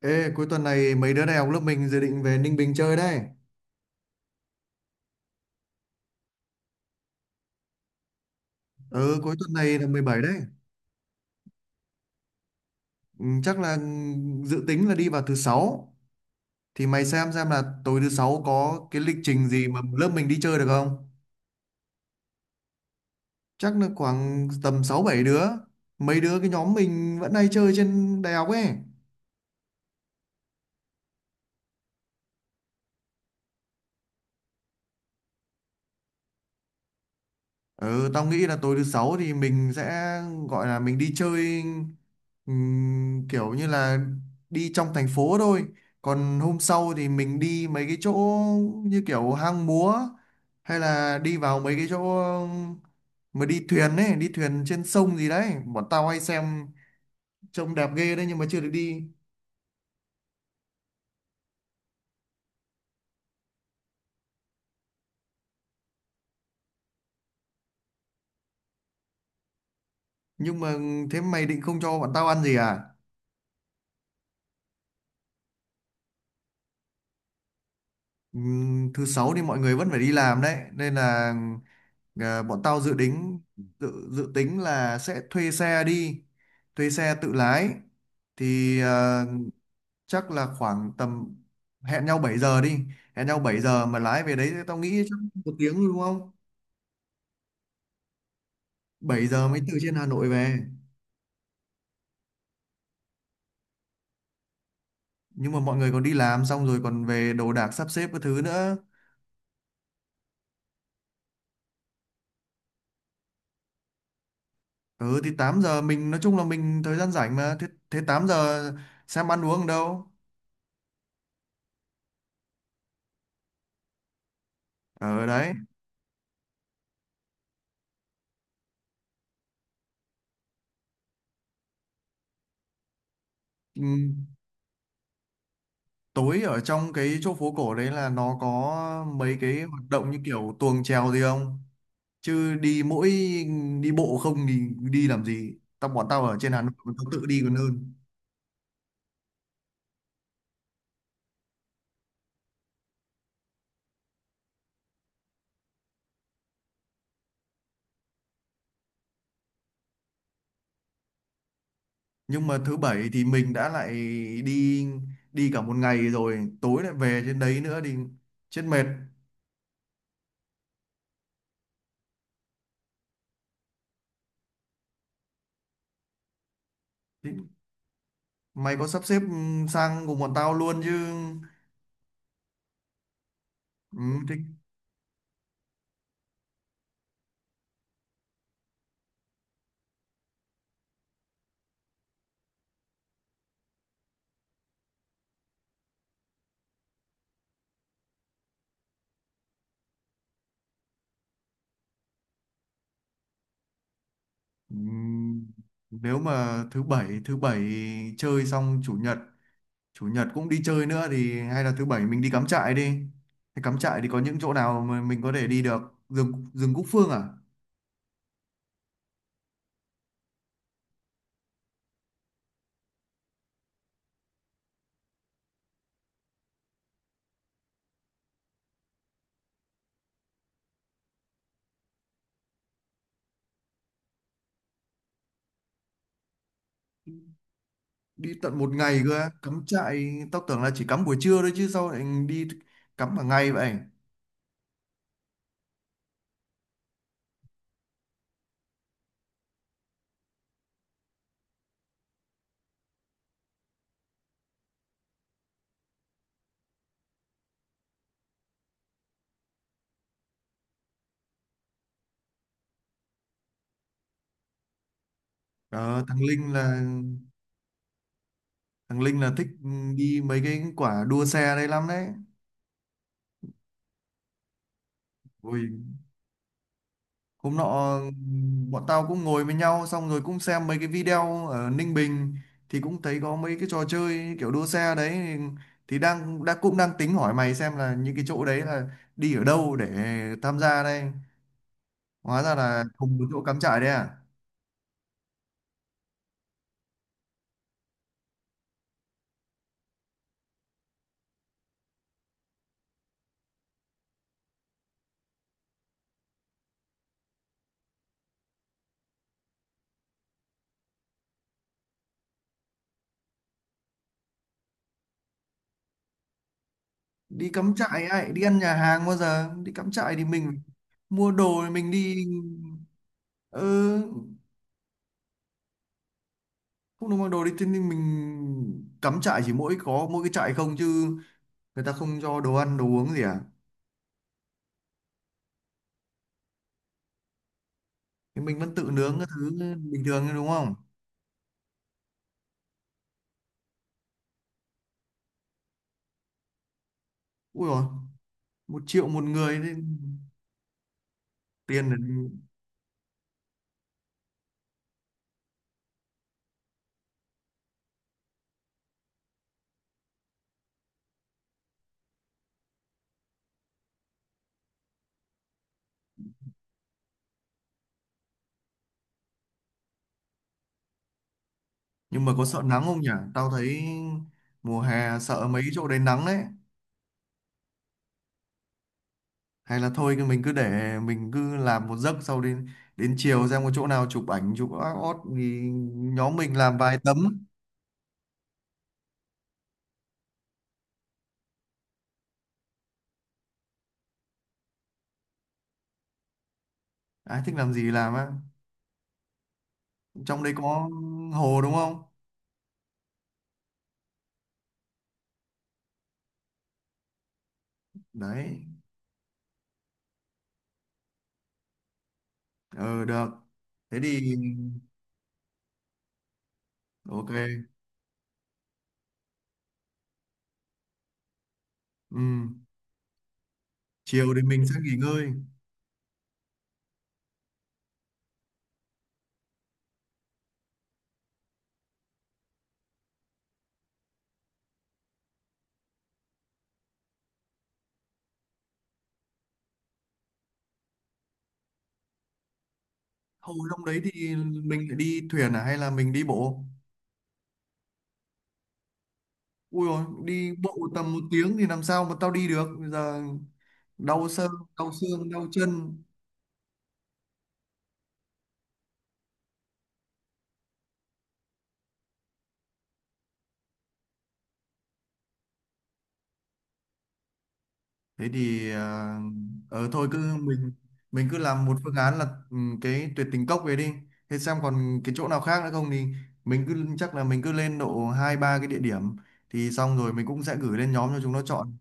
Ê, cuối tuần này mấy đứa đại học lớp mình dự định về Ninh Bình chơi đấy. Ừ, cuối tuần này là 17 đấy. Ừ, chắc là dự tính là đi vào thứ sáu. Thì mày xem là tối thứ sáu có cái lịch trình gì mà lớp mình đi chơi được không? Chắc là khoảng tầm 6 7 đứa. Mấy đứa cái nhóm mình vẫn hay chơi trên đại học ấy. Ừ, tao nghĩ là tối thứ sáu thì mình sẽ gọi là mình đi chơi, kiểu như là đi trong thành phố thôi. Còn hôm sau thì mình đi mấy cái chỗ như kiểu hang múa, hay là đi vào mấy cái chỗ mà đi thuyền ấy, đi thuyền trên sông gì đấy. Bọn tao hay xem trông đẹp ghê đấy nhưng mà chưa được đi. Nhưng mà thế mày định không cho bọn tao ăn gì à? Thứ sáu thì mọi người vẫn phải đi làm đấy nên là bọn tao dự tính, dự dự tính là sẽ thuê xe đi, thuê xe tự lái thì chắc là khoảng tầm, hẹn nhau 7 giờ đi, hẹn nhau 7 giờ mà lái về đấy tao nghĩ chắc 1 tiếng thôi đúng không. 7 giờ mới từ trên Hà Nội về, nhưng mà mọi người còn đi làm xong rồi còn về đồ đạc sắp xếp các thứ nữa. Ừ thì 8 giờ mình nói chung là mình thời gian rảnh mà. Thế 8 giờ xem ăn uống ở đâu, ở đấy. Ừm, tối ở trong cái chỗ phố cổ đấy là nó có mấy cái hoạt động như kiểu tuồng chèo gì không? Chứ đi mỗi đi bộ không thì đi làm gì? Tao, bọn tao ở trên Hà Nội tao tự đi còn hơn. Nhưng mà thứ bảy thì mình đã lại đi đi cả một ngày rồi, tối lại về trên đấy nữa thì chết mệt. Thì mày có sắp xếp sang cùng bọn tao luôn chứ? Ừ, thích. Ừ, nếu mà thứ bảy chơi xong, chủ nhật cũng đi chơi nữa thì hay là thứ bảy mình đi cắm trại đi. Thế cắm trại thì có những chỗ nào mà mình có thể đi được? Rừng rừng Cúc Phương à? Đi tận một ngày cơ á. Cắm trại tao tưởng là chỉ cắm buổi trưa thôi chứ sao lại đi cắm cả ngày vậy? Ờ, thằng Linh là, thằng Linh thích đi mấy cái quả đua xe đây lắm đấy. Ui, hôm nọ bọn tao cũng ngồi với nhau xong rồi cũng xem mấy cái video ở Ninh Bình thì cũng thấy có mấy cái trò chơi kiểu đua xe đấy, thì đang đã cũng đang tính hỏi mày xem là những cái chỗ đấy là đi ở đâu để tham gia đây. Hóa ra là cùng một chỗ cắm trại đấy à? Đi cắm trại ấy, đi ăn nhà hàng bao giờ? Đi cắm trại thì mình mua đồ thì mình đi. Ừ, không được mua đồ đi, thế nên mình cắm trại chỉ mỗi có mỗi cái trại không chứ, người ta không cho đồ ăn đồ uống gì à? Thì mình vẫn tự nướng cái thứ bình thường thôi, đúng không? Ui rồi, 1 triệu một người thì tiền là- Nhưng mà có sợ nắng không nhỉ? Tao thấy mùa hè sợ mấy chỗ đấy nắng đấy. Hay là thôi thì mình cứ để mình cứ làm một giấc, sau đến đến chiều xem có chỗ nào chụp ảnh chụp ót ót thì nhóm mình làm vài tấm. Ai thích làm gì làm á? Trong đấy có hồ đúng không? Đấy, ờ được. Thế thì ok. Ừ, chiều thì mình sẽ nghỉ ngơi. Hồi trong đấy thì mình phải đi thuyền à hay là mình đi bộ? Ui rồi, đi bộ tầm 1 tiếng thì làm sao mà tao đi được? Bây giờ đau xương, đau xương, đau chân. Thế thì à, ờ thôi cứ mình cứ làm một phương án là ừ, cái tuyệt tình cốc về đi. Thế xem còn cái chỗ nào khác nữa không thì mình cứ, chắc là mình cứ lên độ hai ba cái địa điểm, thì xong rồi mình cũng sẽ gửi lên nhóm cho chúng nó chọn.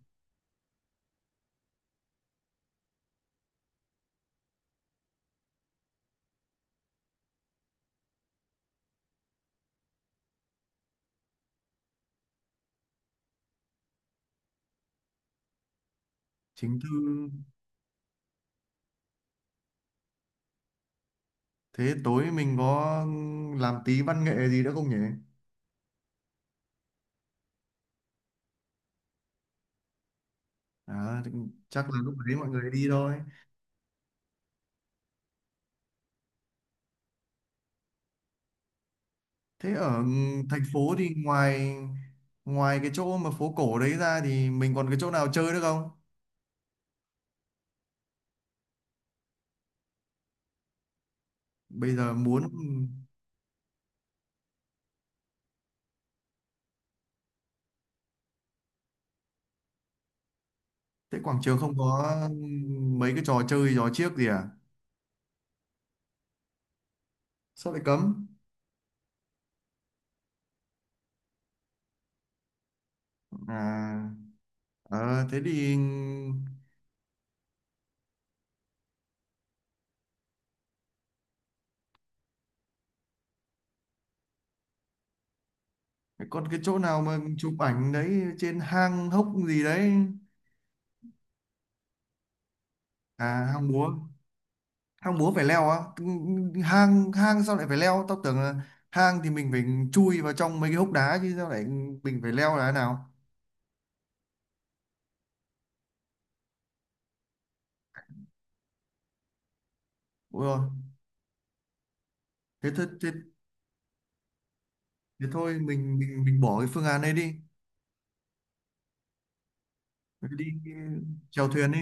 Chính thư, thế tối mình có ừ, làm tí văn nghệ gì nữa không nhỉ? Đó, thì chắc là lúc đấy mọi người đi thôi. Thế ở thành phố thì ngoài, ngoài cái chỗ mà phố cổ đấy ra thì mình còn cái chỗ nào chơi nữa không? Bây giờ muốn, thế quảng trường không có mấy cái trò chơi trò chiếc gì à? Sao lại cấm? À, ờ, thế thì còn cái chỗ nào mà chụp ảnh đấy trên hang hốc gì đấy? À, hang múa, hang múa phải leo á? Ừ, hang hang sao lại phải leo, tao tưởng là hang thì mình phải chui vào trong mấy cái hốc đá chứ, sao lại mình phải leo là thế nào? Ôi rồi, thế, thế thôi mình, mình bỏ cái phương án này đi. Mình đi chèo thuyền đi.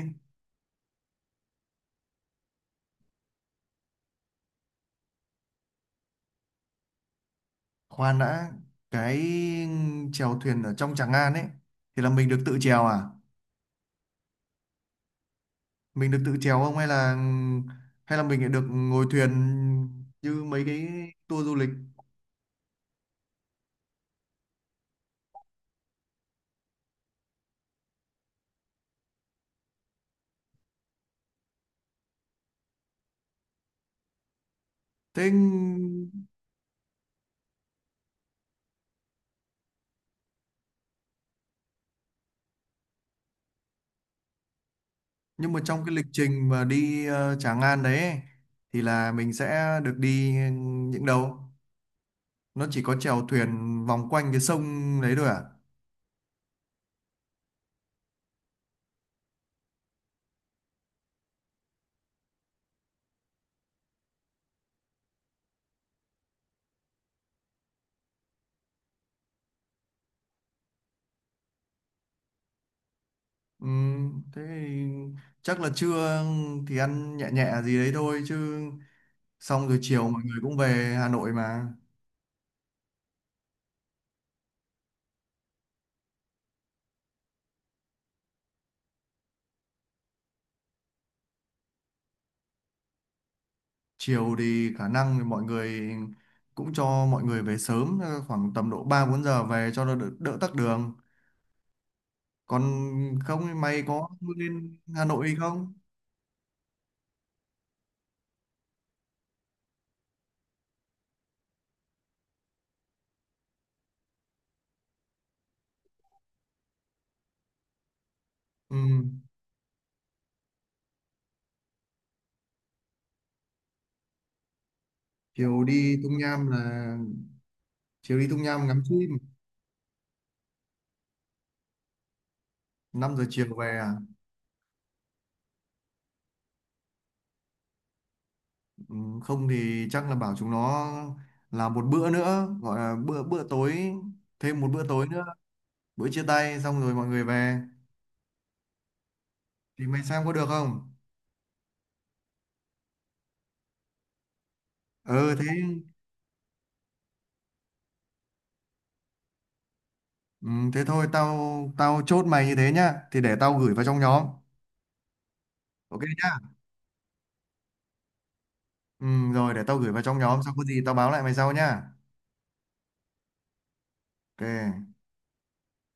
Khoan đã, cái chèo thuyền ở trong Tràng An ấy thì là mình được tự chèo à, mình được tự chèo không hay là, hay là mình lại được ngồi thuyền như mấy cái tour du lịch thế? Nhưng mà trong cái lịch trình mà đi Tràng An đấy ấy, thì là mình sẽ được đi những đâu? Nó chỉ có chèo thuyền vòng quanh cái sông đấy thôi à? Thế thì chắc là trưa thì ăn nhẹ nhẹ gì đấy thôi chứ, xong rồi chiều mọi người cũng về Hà Nội mà. Chiều thì khả năng thì mọi người cũng cho mọi người về sớm khoảng tầm độ 3 4 giờ về cho nó đỡ, đỡ tắc đường. Còn không thì mày có lên Hà Nội không? Ừ. Chiều đi Tung Nham là, chiều đi Tung Nham ngắm chim. 5 giờ chiều về à? Ừ, không thì chắc là bảo chúng nó làm một bữa nữa gọi là bữa bữa tối, thêm một bữa tối nữa, bữa chia tay xong rồi mọi người về. Thì mày xem có được không? Ừ thế, ừ, thế thôi tao, tao chốt mày như thế nhá, thì để tao gửi vào trong nhóm. Ok nhá. Ừ, rồi để tao gửi vào trong nhóm xong có gì tao báo lại mày sau nhá. Ok.